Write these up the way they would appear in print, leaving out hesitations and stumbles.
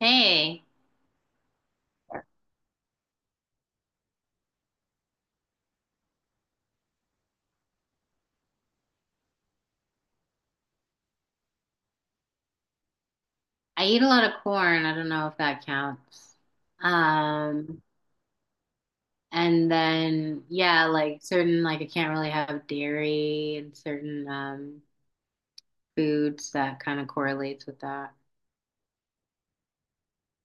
Hey, I eat a lot of corn. I don't know if that counts. Um, and then yeah, like certain like I can't really have dairy and certain foods that kind of correlates with that.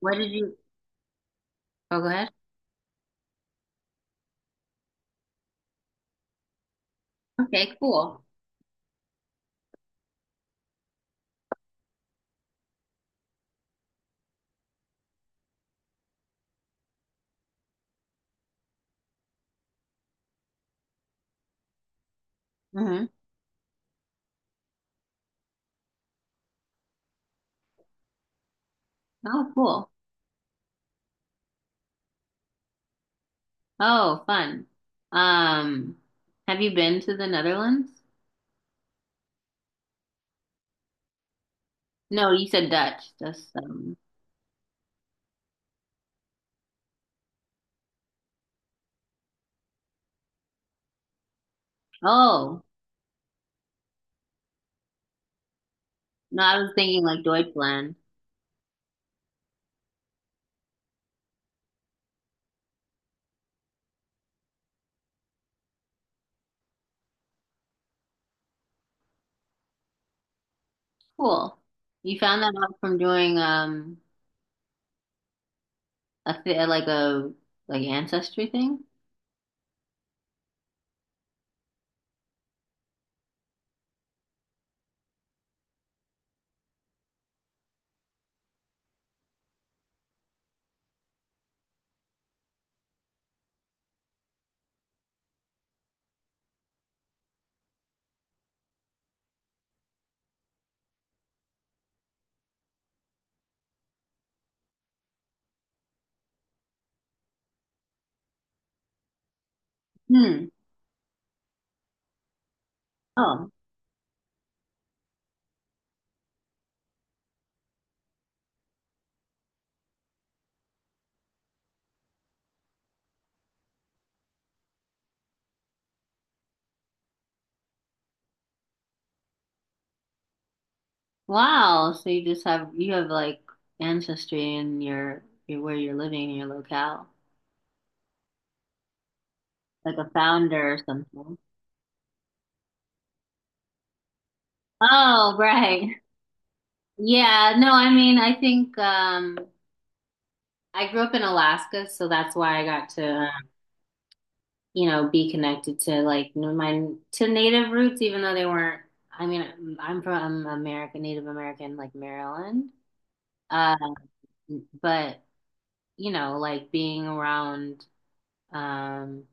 What did you? Oh, go ahead. Okay, cool. Hmm. Oh, cool. Oh, fun. Um, have you been to the Netherlands? No, you said Dutch. That's. Oh, no, I was thinking like Deutschland. Cool. You found that out from doing a th like a like ancestry thing? Hmm. Oh. Wow. So you just have like ancestry in your where you're living in your locale. Like a founder or something. Oh, right. Yeah, no, I mean I think I grew up in Alaska, so that's why I got to, you know, be connected to like my to native roots, even though they weren't. I mean, I'm from America, Native American, like Maryland. Um, but, you know, like being around, um,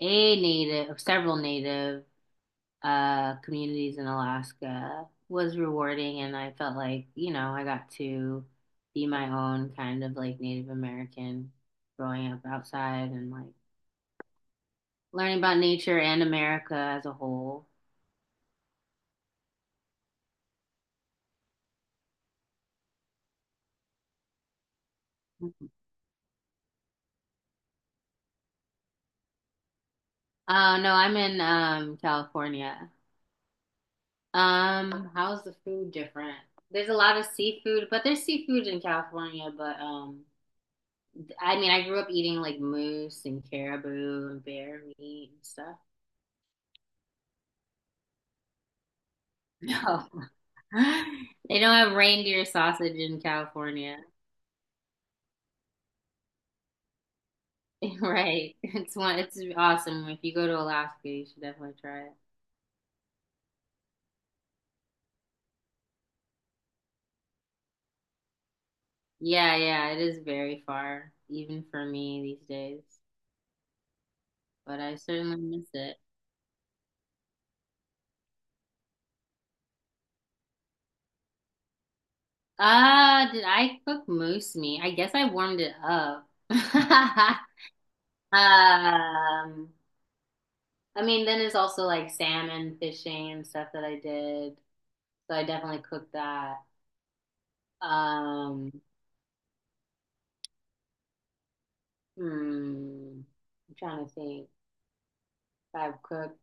a native, several native communities in Alaska was rewarding, and I felt like, you know, I got to be my own kind of like Native American growing up outside and like learning about nature and America as a whole. No, I'm in California. How's the food different? There's a lot of seafood, but there's seafood in California, but I mean I grew up eating like moose and caribou and bear meat and stuff. No. They don't have reindeer sausage in California. Right. It's awesome. If you go to Alaska, you should definitely try it. Yeah, yeah, it is very far, even for me these days. But I certainly miss it. Did I cook moose meat? I guess I warmed it up. Um, I mean, then it's also like salmon fishing and stuff that I did. So I definitely cooked that. Um, hmm, I'm trying to think if I've cooked.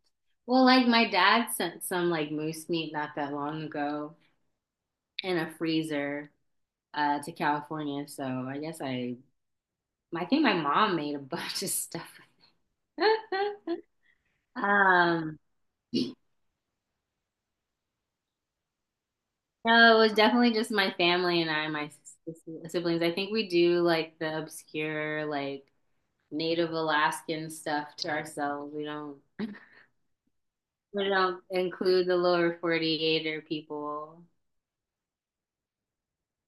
Well, like my dad sent some like moose meat not that long ago in a freezer to California. So I guess I think my mom made a bunch of stuff. Um, No, it was definitely just my family and I, my siblings. I think we do like the obscure, like Native Alaskan stuff to ourselves. We don't include the lower 48 or people.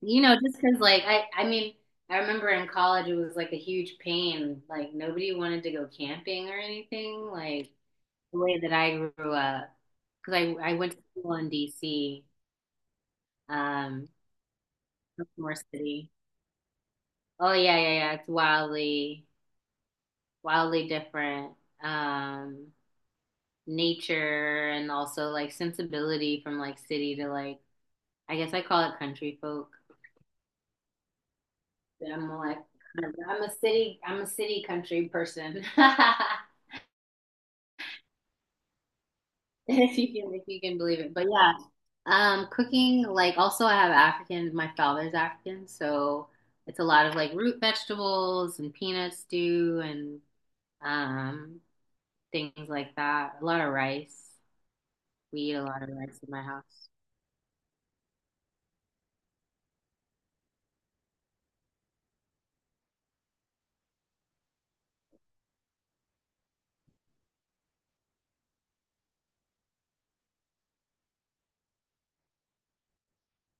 You know, just because, like, I mean, I remember in college it was like a huge pain. Like nobody wanted to go camping or anything, like the way that I grew up, because I went to school in DC, um, Baltimore City. Oh yeah, yeah, yeah. It's wildly different, um, nature and also like sensibility from like city to like, I guess I call it, country folk. I'm like I'm a city country person. If you can, if you can believe it. But yeah, cooking, like, also I have African, my father's African, so it's a lot of like root vegetables and peanut stew and um things like that. A lot of rice. We eat a lot of rice in my house.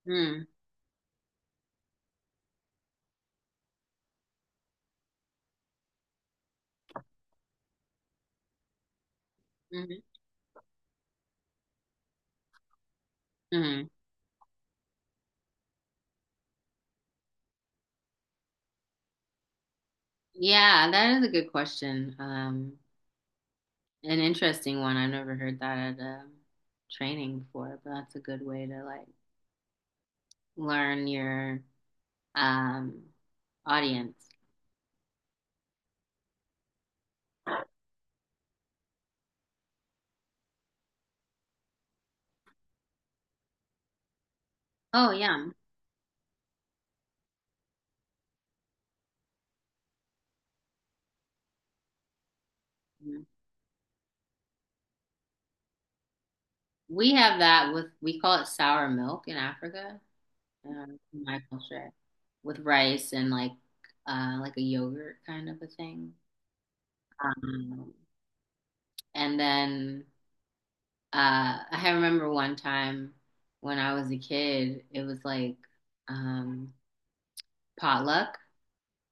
Mm. Hmm. Yeah, that is a good question. An interesting one. I've never heard that at a training before, but that's a good way to like learn your um audience. Oh yeah. Mhm. We have that with, we call it sour milk in Africa, in my culture, with rice and like a yogurt kind of a thing. Um, and then I remember one time when I was a kid, it was like, um, potluck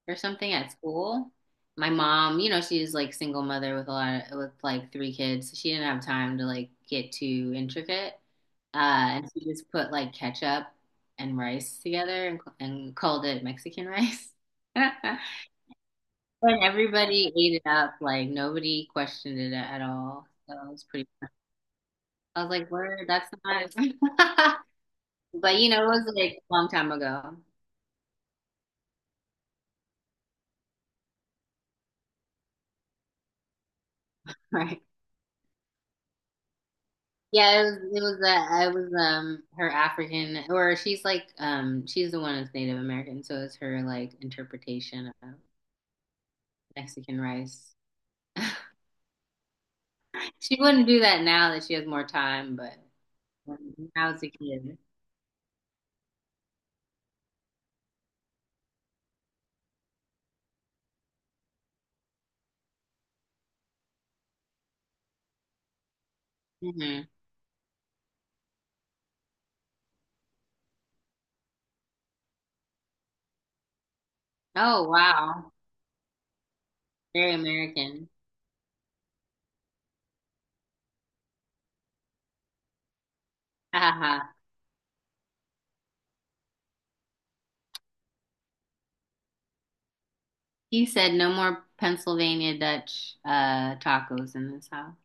or something at school. My mom, you know, she's like single mother with a lot of, with like three kids. She didn't have time to like get too intricate. And she just put like ketchup and rice together and, called it Mexican rice. And everybody ate it up. Like nobody questioned it at all. So it was pretty. I was like, "Word, that's not." But you know, it was like a long time ago, right? Yeah, it was. It was. Her African, or she's like, she's the one that's Native American, so it's her like interpretation of Mexican rice. She wouldn't do that now that she has more time, but when I was a kid. Hmm. Oh wow, very American. Ha ha ha. He said no more Pennsylvania Dutch tacos in this house.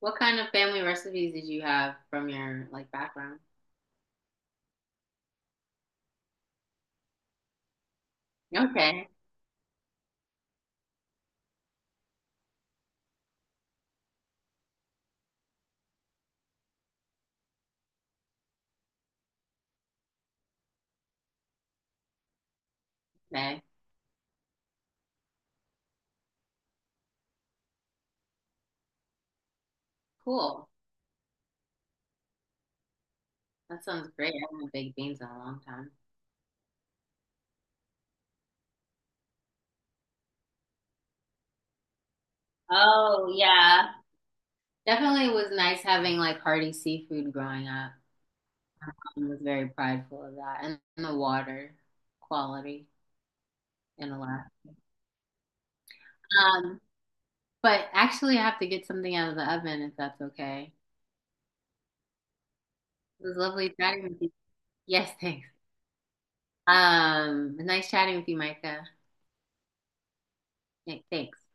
What kind of family recipes did you have from your like background? Okay. Okay, cool. That sounds great. I haven't baked beans in a long time. Oh, yeah. Definitely was nice having like hearty seafood growing up. I was very prideful of that and the water quality in Alaska. Um, but actually, I have to get something out of the oven if that's okay. It was lovely chatting with you. Yes, thanks. Nice chatting with you, Micah. Yeah, thanks.